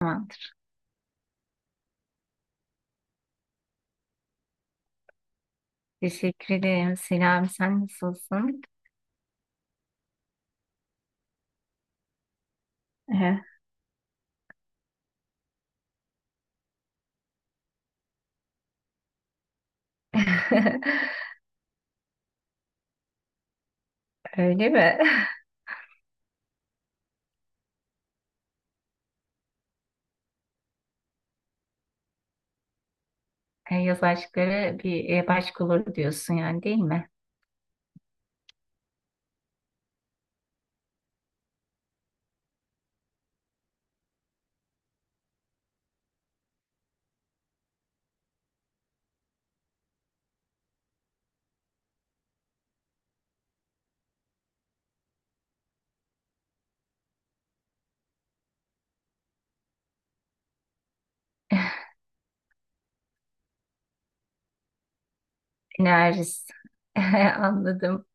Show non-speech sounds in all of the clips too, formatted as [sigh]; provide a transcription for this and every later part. Tamamdır. Teşekkür ederim. Selam, sen nasılsın? Ehe. [laughs] Öyle mi? [laughs] Yaz aşkları başka olur diyorsun yani, değil mi? [laughs] Enerjis. [laughs] Anladım.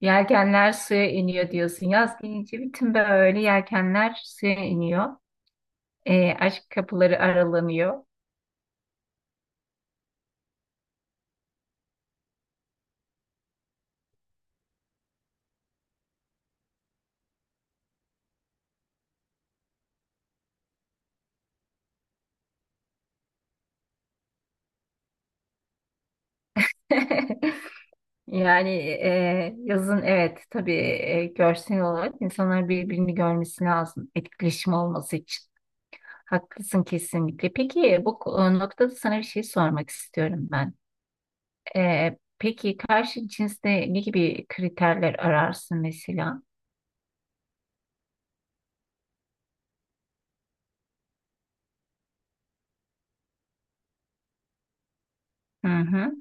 Yelkenler suya iniyor diyorsun. Yaz gelince bütün böyle yelkenler suya iniyor. Aşk kapıları aralanıyor. [laughs] Yazın evet, tabii, görsel olarak insanların birbirini görmesi lazım etkileşim olması için. Haklısın kesinlikle. Peki bu noktada sana bir şey sormak istiyorum ben. Peki karşı cinste ne gibi kriterler ararsın mesela? Hı hı,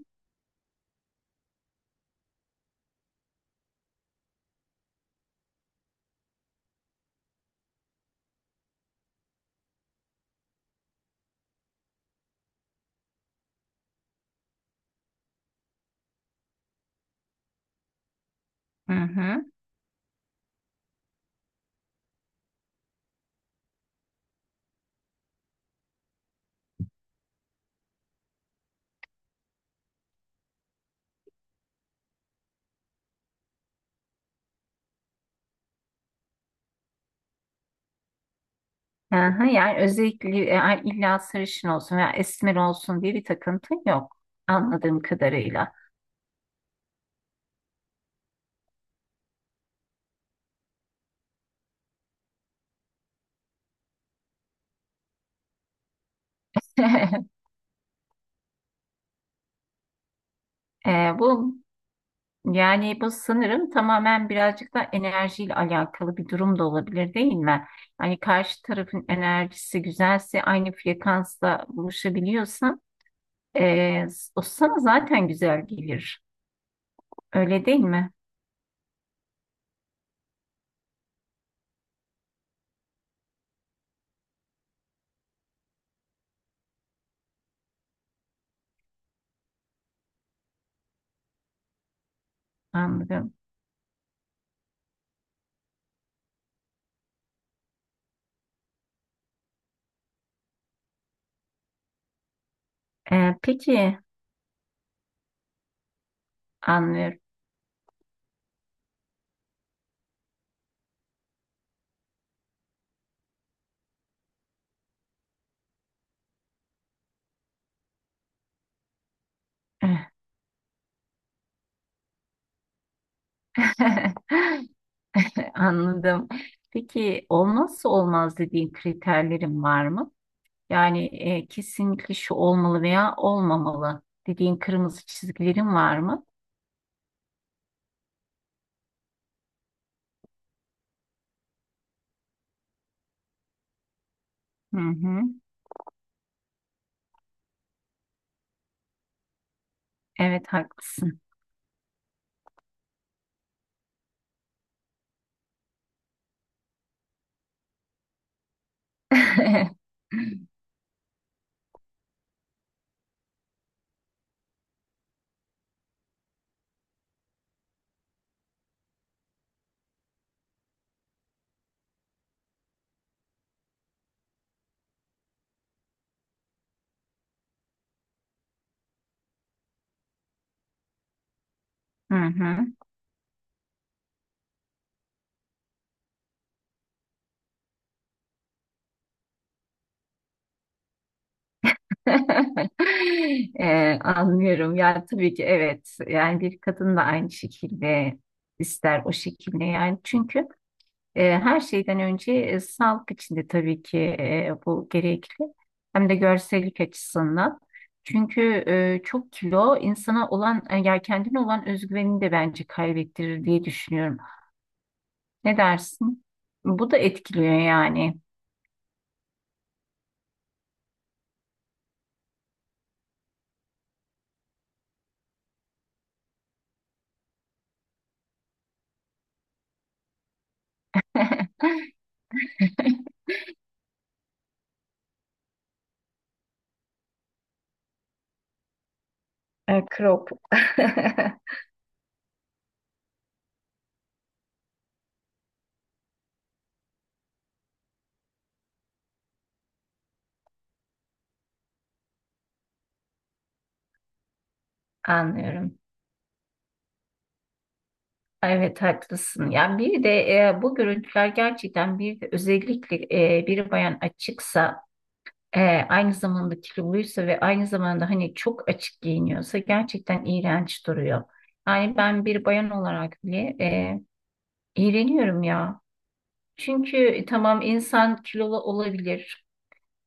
hı hı. Aha, yani özellikle illa sarışın olsun veya esmer olsun diye bir takıntın yok anladığım kadarıyla. [laughs] Bu Yani bu sanırım tamamen birazcık da enerjiyle alakalı bir durum da olabilir, değil mi? Hani karşı tarafın enerjisi güzelse, aynı frekansla buluşabiliyorsan eee o sana zaten güzel gelir. Öyle değil mi? Anladım. Peki, anlıyorum. [laughs] Anladım. Peki olmazsa olmaz dediğin kriterlerin var mı? Yani kesinlikle şu olmalı veya olmamalı dediğin kırmızı çizgilerin var mı? Hı hı. Evet, haklısın. [laughs] Hı hı. [laughs] Anlıyorum. Ya tabii ki, evet. Yani bir kadın da aynı şekilde ister o şekilde yani. Çünkü her şeyden önce, sağlık için de tabii ki bu gerekli. Hem de görsellik açısından. Çünkü çok kilo insana olan, ya kendine olan özgüvenini de bence kaybettirir diye düşünüyorum. Ne dersin? Bu da etkiliyor yani. [laughs] Krop. [laughs] Anlıyorum. Evet, haklısın. Yani bir de bu görüntüler gerçekten, bir de özellikle bir bayan açıksa, e, aynı zamanda kiloluysa ve aynı zamanda hani çok açık giyiniyorsa, gerçekten iğrenç duruyor. Yani ben bir bayan olarak bile iğreniyorum ya. Çünkü tamam, insan kilolu olabilir,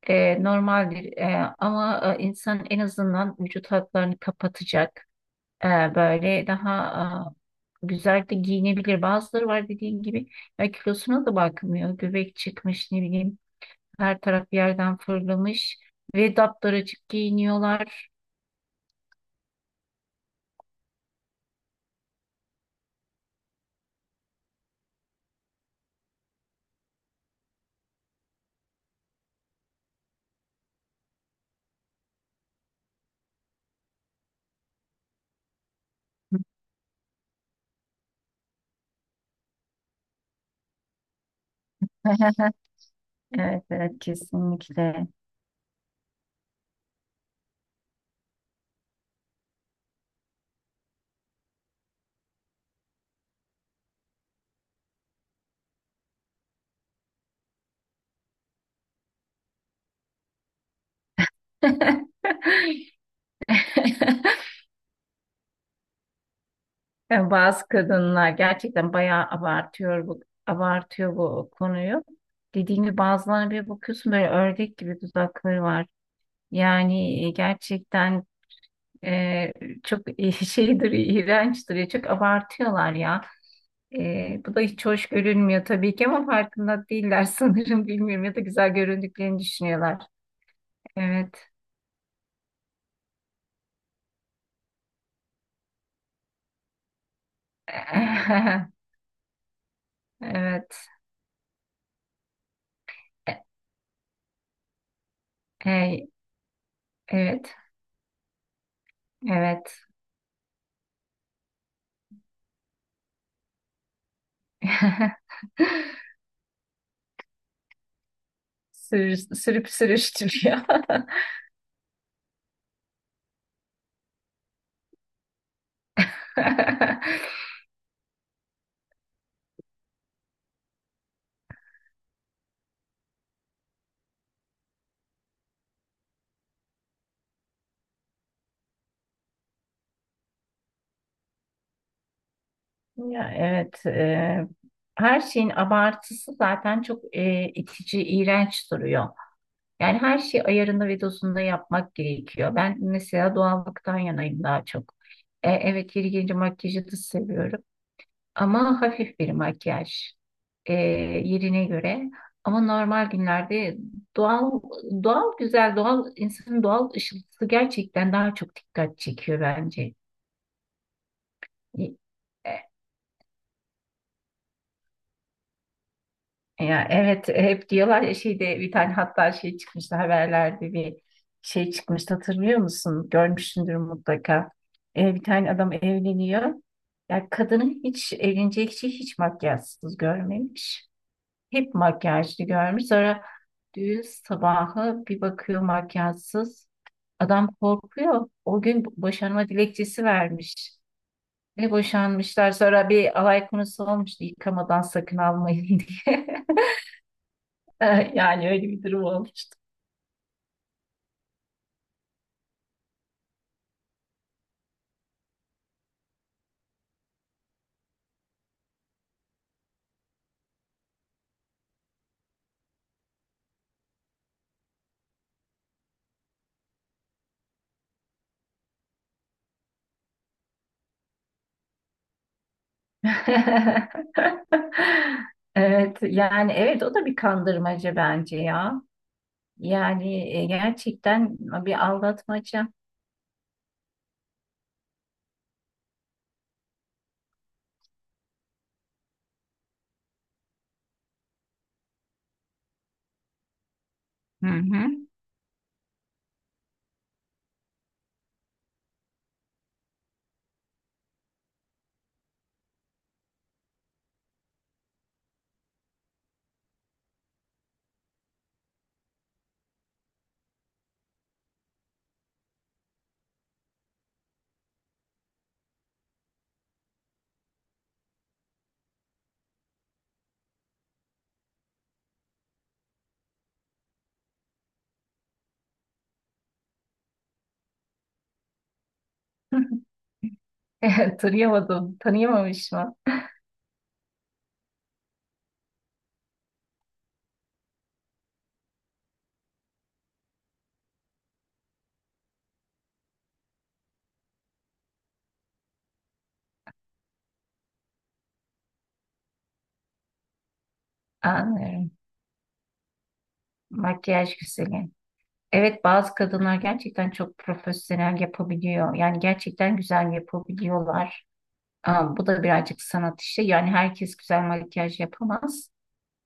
normaldir. Ama insan en azından vücut hatlarını kapatacak. Böyle daha güzel de giyinebilir. Bazıları var dediğin gibi, ya kilosuna da bakmıyor. Göbek çıkmış, ne bileyim, her taraf yerden fırlamış ve daptaracık giyiniyorlar. [laughs] Evet, evet, kesinlikle. [laughs] Yani bazı kadınlar gerçekten bayağı abartıyor bu, konuyu. Dediğim gibi, bazılarına bir bakıyorsun, böyle ördek gibi dudakları var. Yani gerçekten. Ee, Çok [laughs] şeydir, iğrençtir, ya, çok abartıyorlar ya. Bu da hiç hoş görünmüyor tabii ki, ama farkında değiller [laughs] sanırım, bilmiyorum, ya da güzel göründüklerini düşünüyorlar. Evet. [laughs] Evet. E, Hey, evet. Evet. [laughs] Sürüp sürüştürüyor. [laughs] Ya, evet. Her şeyin abartısı zaten çok itici, iğrenç duruyor. Yani her şeyi ayarında ve dozunda yapmak gerekiyor. Ben mesela doğallıktan yanayım daha çok. Evet, yeri gelince makyajı da seviyorum. Ama hafif bir makyaj, e, yerine göre. Ama normal günlerde doğal, güzel, doğal, insanın doğal ışıltısı gerçekten daha çok dikkat çekiyor bence. Ya evet, hep diyorlar ya, şeyde bir tane, hatta şey çıkmıştı haberlerde, bir şey çıkmıştı, hatırlıyor musun? Görmüşsündür mutlaka. Bir tane adam evleniyor. Ya kadının hiç, evlenecek kişi hiç makyajsız görmemiş. Hep makyajlı görmüş. Sonra düğün sabahı bir bakıyor makyajsız. Adam korkuyor. O gün boşanma dilekçesi vermiş. Ve boşanmışlar. Sonra bir alay konusu olmuştu, yıkamadan sakın almayın [laughs] diye. [laughs] Yani öyle bir durum olmuş. [laughs] Evet, yani evet, o da bir kandırmaca bence ya. Yani gerçekten bir aldatmaca. Hı hı. [laughs] Tanıyamadım, tanıyamamış mı? Anlıyorum. Makyaj güzeli. Evet, bazı kadınlar gerçekten çok profesyonel yapabiliyor. Yani gerçekten güzel yapabiliyorlar. Aa, bu da birazcık sanat işi. Yani herkes güzel makyaj yapamaz.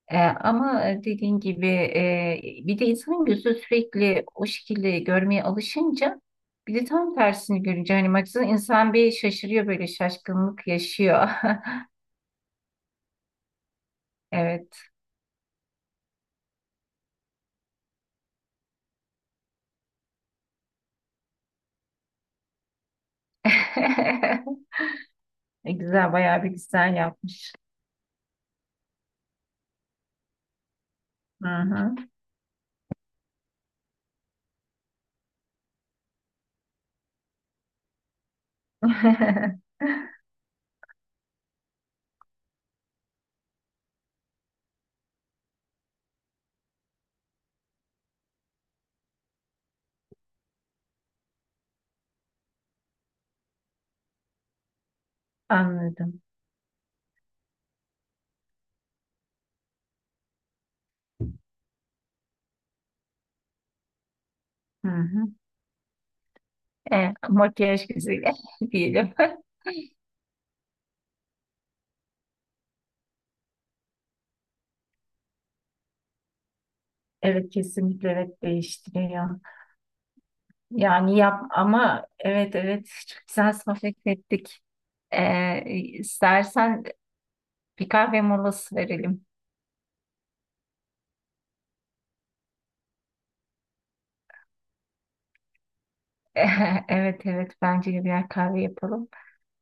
Ama dediğin gibi, bir de insanın gözü sürekli o şekilde görmeye alışınca, bir de tam tersini görünce, hani baksana, insan bir şaşırıyor, böyle şaşkınlık yaşıyor. [laughs] Evet. [laughs] Güzel, bayağı bir güzel yapmış. Hı hı. [laughs] Anladım. Hı hı. Makyaj güzeli [laughs] diyelim. Evet, kesinlikle evet, değiştiriyor. Yani yap ama evet evet, çok güzel sohbet ettik. Ee, istersen bir kahve molası verelim. [laughs] Evet evet, bence de birer kahve yapalım.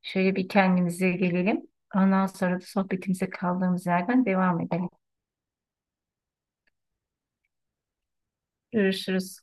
Şöyle bir kendimize gelelim. Ondan sonra da sohbetimize kaldığımız yerden devam edelim. Görüşürüz.